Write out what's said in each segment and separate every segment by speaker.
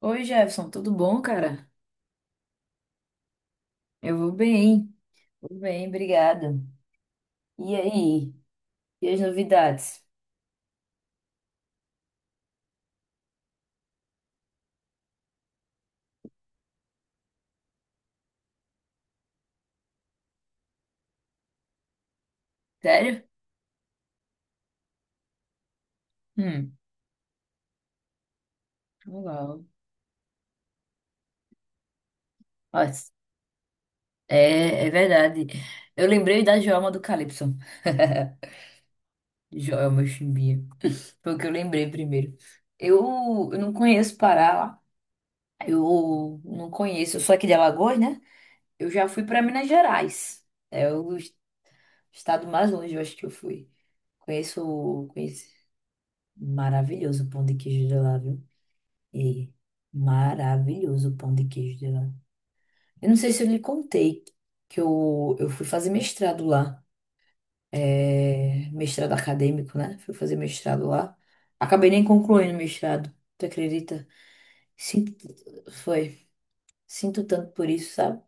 Speaker 1: Oi, Jefferson, tudo bom, cara? Eu vou bem, obrigada. E aí? E as novidades? Sério? Hum, legal. Nossa, é verdade. Eu lembrei da Joelma do Calypso. Joelma Chimbinha. Foi o que eu lembrei primeiro. Eu não conheço Pará lá. Eu não conheço, eu sou aqui de Alagoas, né? Eu já fui para Minas Gerais. É o estado mais longe, eu acho que eu fui. Conheço, conheço. Maravilhoso o pão de queijo de lá, viu? E maravilhoso o pão de queijo de lá. Eu não sei se eu lhe contei que eu fui fazer mestrado lá. É, mestrado acadêmico, né? Fui fazer mestrado lá. Acabei nem concluindo o mestrado, tu acredita? Sinto, foi. Sinto tanto por isso, sabe?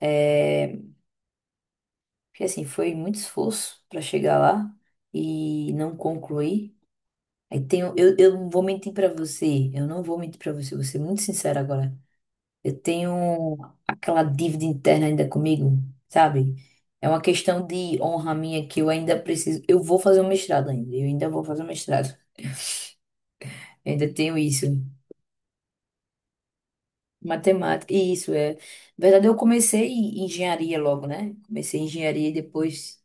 Speaker 1: É, porque assim, foi muito esforço para chegar lá e não concluir. Eu não vou mentir para você, eu não vou mentir para você, vou ser muito sincera agora. Eu tenho aquela dívida interna ainda comigo, sabe? É uma questão de honra minha que eu ainda preciso. Eu vou fazer um mestrado ainda. Eu ainda vou fazer um mestrado. Eu ainda tenho isso. Matemática. E isso é. Na verdade, eu comecei em engenharia logo, né? Comecei em engenharia e depois.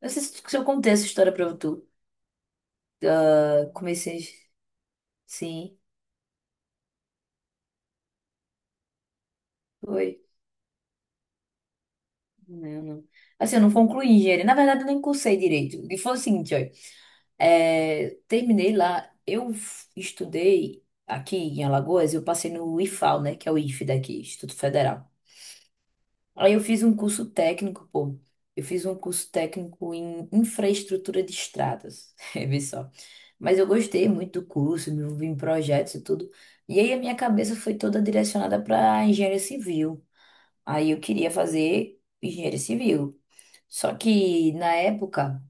Speaker 1: Não sei se eu contei essa história pra tu. Eu comecei. Sim. Foi. Eu não- Assim, eu não concluí engenharia. Na verdade, eu nem cursei direito. E foi o seguinte, olha. Terminei lá. Eu estudei aqui em Alagoas. Eu passei no IFAL, né? Que é o IFE daqui, Instituto Federal. Aí eu fiz um curso técnico, pô. Eu fiz um curso técnico em infraestrutura de estradas. Vê só. Mas eu gostei muito do curso, me envolvi em projetos e tudo. E aí a minha cabeça foi toda direcionada para engenharia civil. Aí eu queria fazer engenharia civil. Só que na época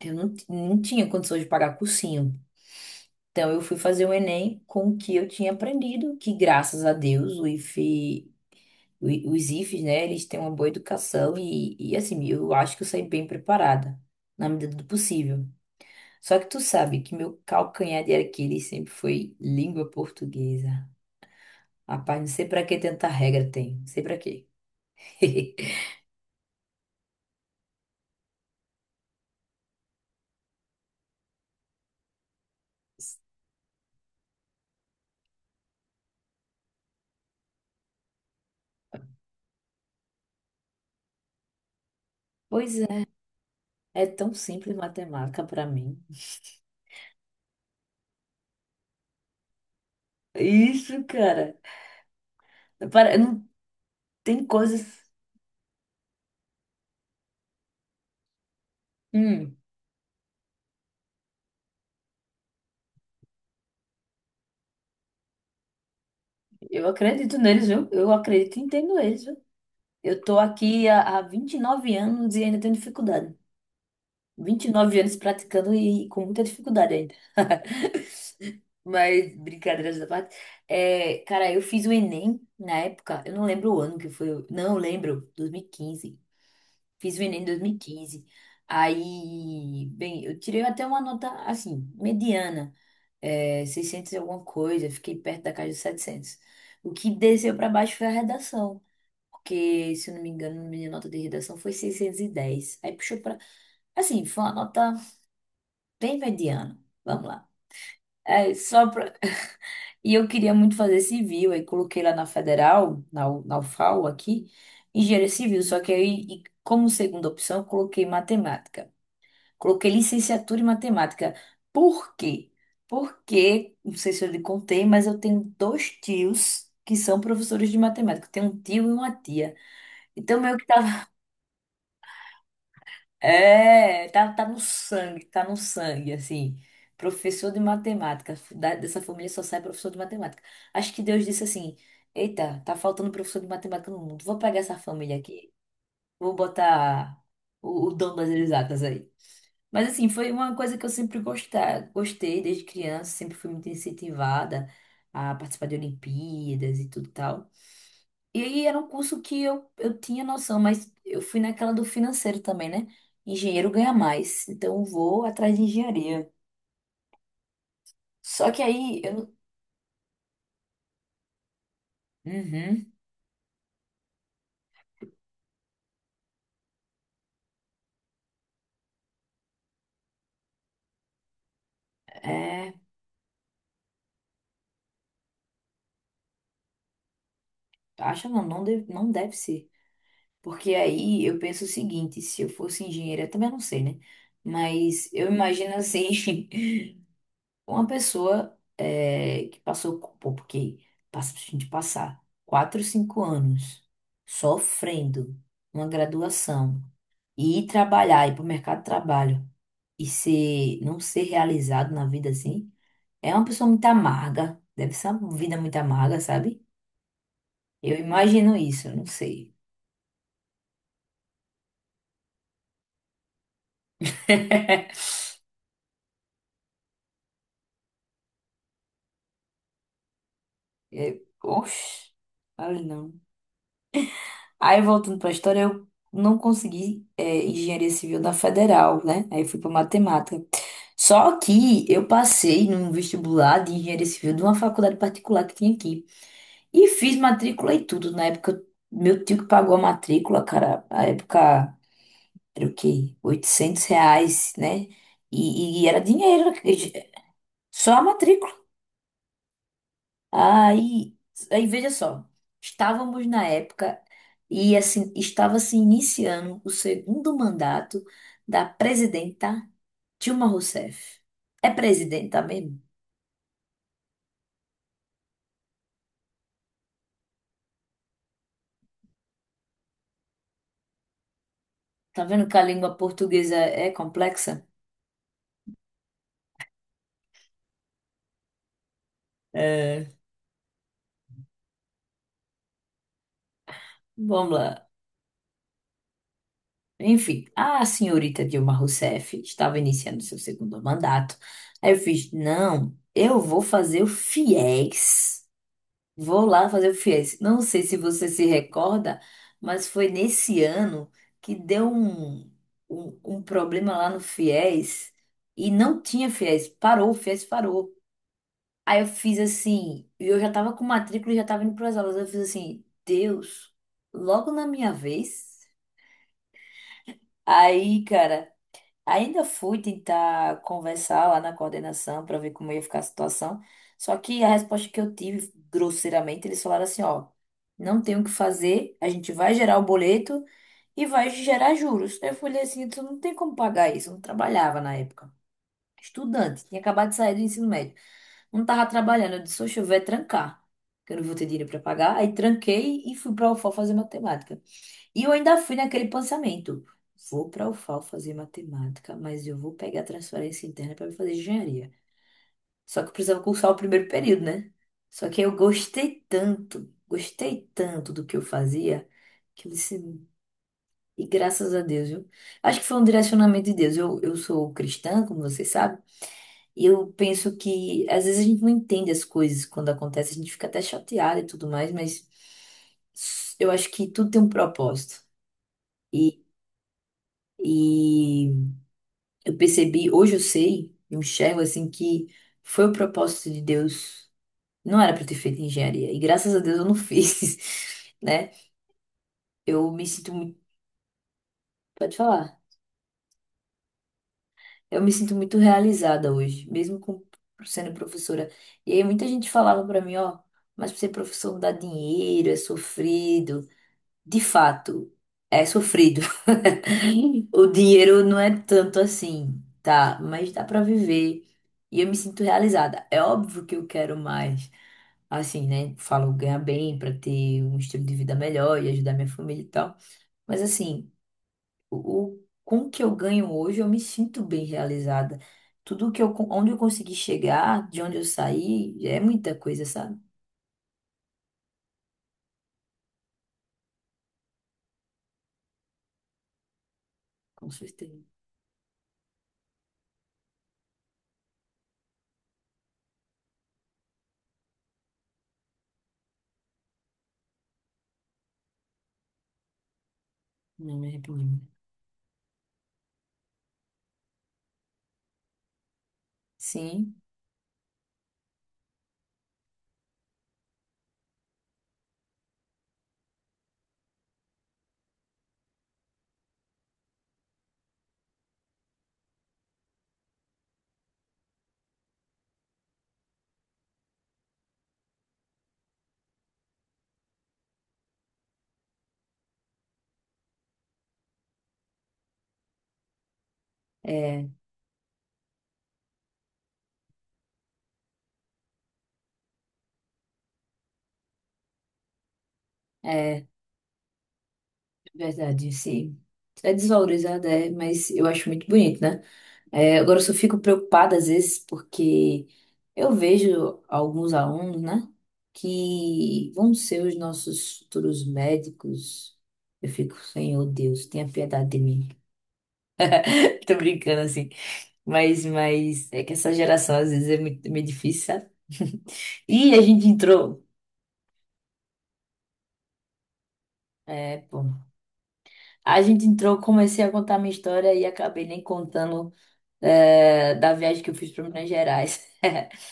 Speaker 1: eu não tinha condições de pagar cursinho. Então eu fui fazer o Enem com o que eu tinha aprendido, que graças a Deus o IFE, os IFES, né, eles têm uma boa educação e assim, eu acho que eu saí bem preparada, na medida do possível. Só que tu sabe que meu calcanhar de Aquiles sempre foi língua portuguesa. Rapaz, não sei pra que tanta regra tem, não sei pra quê. Pois é, é tão simples matemática pra mim. Isso, cara. Para, não tem coisas. Hum, eu acredito neles, viu? Eu acredito e entendo eles, viu? Eu tô aqui há 29 anos e ainda tenho dificuldade. 29 anos praticando e com muita dificuldade ainda. Mas, brincadeiras da parte. É, cara, eu fiz o Enem na época, eu não lembro o ano que foi. Não, eu lembro, 2015. Fiz o Enem em 2015. Aí, bem, eu tirei até uma nota, assim, mediana, 600 e alguma coisa, fiquei perto da casa dos 700. O que desceu para baixo foi a redação, porque, se eu não me engano, minha nota de redação foi 610. Aí puxou para. Assim, foi uma nota bem mediana. Vamos lá. É, só pra... E eu queria muito fazer civil, aí coloquei lá na Federal, na UFAL aqui, engenharia civil, só que aí, e como segunda opção, eu coloquei matemática. Coloquei licenciatura em matemática. Por quê? Porque, não sei se eu lhe contei, mas eu tenho dois tios que são professores de matemática. Eu tenho um tio e uma tia. Então, meio que tava. É, tá no sangue, tá no sangue, assim. Professor de matemática. Dessa família só sai professor de matemática. Acho que Deus disse assim: Eita, tá faltando professor de matemática no mundo. Vou pegar essa família aqui. Vou botar o dom das exatas aí. Mas assim, foi uma coisa que eu sempre gostei desde criança, sempre fui muito incentivada a participar de Olimpíadas e tudo tal. E aí era um curso que eu tinha noção, mas eu fui naquela do financeiro também, né? Engenheiro ganha mais, então vou atrás de engenharia. Só que aí eu. Uhum, é. Acha não, não deve, não deve ser. Porque aí eu penso o seguinte, se eu fosse engenheira, também eu não sei, né? Mas eu imagino assim, uma pessoa que passou, pô, porque passa, a gente passar 4, 5 anos sofrendo uma graduação e ir trabalhar, ir para o mercado de trabalho e não ser realizado na vida assim, é uma pessoa muito amarga. Deve ser uma vida muito amarga, sabe? Eu imagino isso, eu não sei. É, oxe, olha não. Aí voltando para a história, eu não consegui engenharia civil na federal, né? Aí fui para matemática. Só que eu passei num vestibular de engenharia civil de uma faculdade particular que tinha aqui. E fiz matrícula e tudo. Na época, meu tio que pagou a matrícula, cara, na época era o quê? R$ 800, né? E era dinheiro. Só a matrícula. Aí, aí veja só, estávamos na época e assim estava se iniciando o segundo mandato da presidenta Dilma Rousseff. É presidenta mesmo? Tá vendo que a língua portuguesa é complexa? É. Vamos lá. Enfim, a senhorita Dilma Rousseff estava iniciando seu segundo mandato. Aí eu fiz, não, eu vou fazer o Fiéis. Vou lá fazer o FIES. Não sei se você se recorda, mas foi nesse ano que deu um problema lá no FIES e não tinha FIES. Parou, o FIES parou. Aí eu fiz assim, e eu já tava com matrícula e já tava indo para as aulas. Eu fiz assim, Deus, logo na minha vez. Aí, cara. Ainda fui tentar conversar lá na coordenação para ver como ia ficar a situação. Só que a resposta que eu tive, grosseiramente, eles falaram assim, ó, não tem o que fazer, a gente vai gerar o boleto e vai gerar juros. Eu falei assim, tu não tem como pagar isso, eu não trabalhava na época. Estudante, tinha acabado de sair do ensino médio, não tava trabalhando. Eu disse, oxe, eu vou é trancar, que eu não vou ter dinheiro para pagar. Aí tranquei e fui para a UFO fazer matemática. E eu ainda fui naquele pensamento. Vou para a UFAL fazer matemática, mas eu vou pegar a transferência interna para fazer engenharia. Só que eu precisava cursar o primeiro período, né? Só que aí eu gostei tanto do que eu fazia, que eu disse, e graças a Deus, viu? Acho que foi um direcionamento de Deus. Eu sou cristã, como você sabe, e eu penso que às vezes a gente não entende as coisas quando acontece, a gente fica até chateada e tudo mais, mas eu acho que tudo tem um propósito. E, e Eu percebi, hoje eu sei, eu enxergo assim que foi o propósito de Deus. Não era pra eu ter feito engenharia. E graças a Deus eu não fiz, né? Eu me sinto muito, pode falar. Eu me sinto muito realizada hoje, mesmo com sendo professora. E aí muita gente falava pra mim, ó, mas pra ser professor não dá dinheiro, é sofrido. De fato, é sofrido. O dinheiro não é tanto assim, tá? Mas dá pra viver. E eu me sinto realizada. É óbvio que eu quero mais. Assim, né? Falo ganhar bem pra ter um estilo de vida melhor e ajudar minha família e tal. Mas assim, o, com o que eu ganho hoje, eu me sinto bem realizada. Tudo que eu, onde eu consegui chegar, de onde eu saí, é muita coisa, sabe? Com certeza. Não me arrependo. Sim, é. Verdade, sim. É desvalorizada, é, mas eu acho muito bonito, né? É, agora eu só fico preocupada às vezes porque eu vejo alguns alunos, né, que vão ser os nossos futuros médicos. Eu fico, Senhor Deus, tenha piedade de mim. Tô brincando assim. Mas é que essa geração às vezes é meio difícil, sabe? E a gente entrou. É, pô. A gente entrou, comecei a contar minha história e acabei nem contando da viagem que eu fiz para Minas Gerais.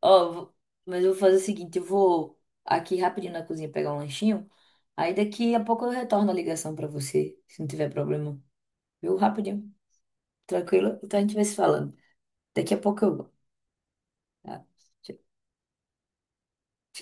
Speaker 1: Ó, mas eu vou fazer o seguinte, eu vou aqui rapidinho na cozinha pegar um lanchinho, aí daqui a pouco eu retorno a ligação para você, se não tiver problema. Viu? Rapidinho, tranquilo? Então a gente vai se falando. Daqui a pouco eu vou. Tá? Tchau.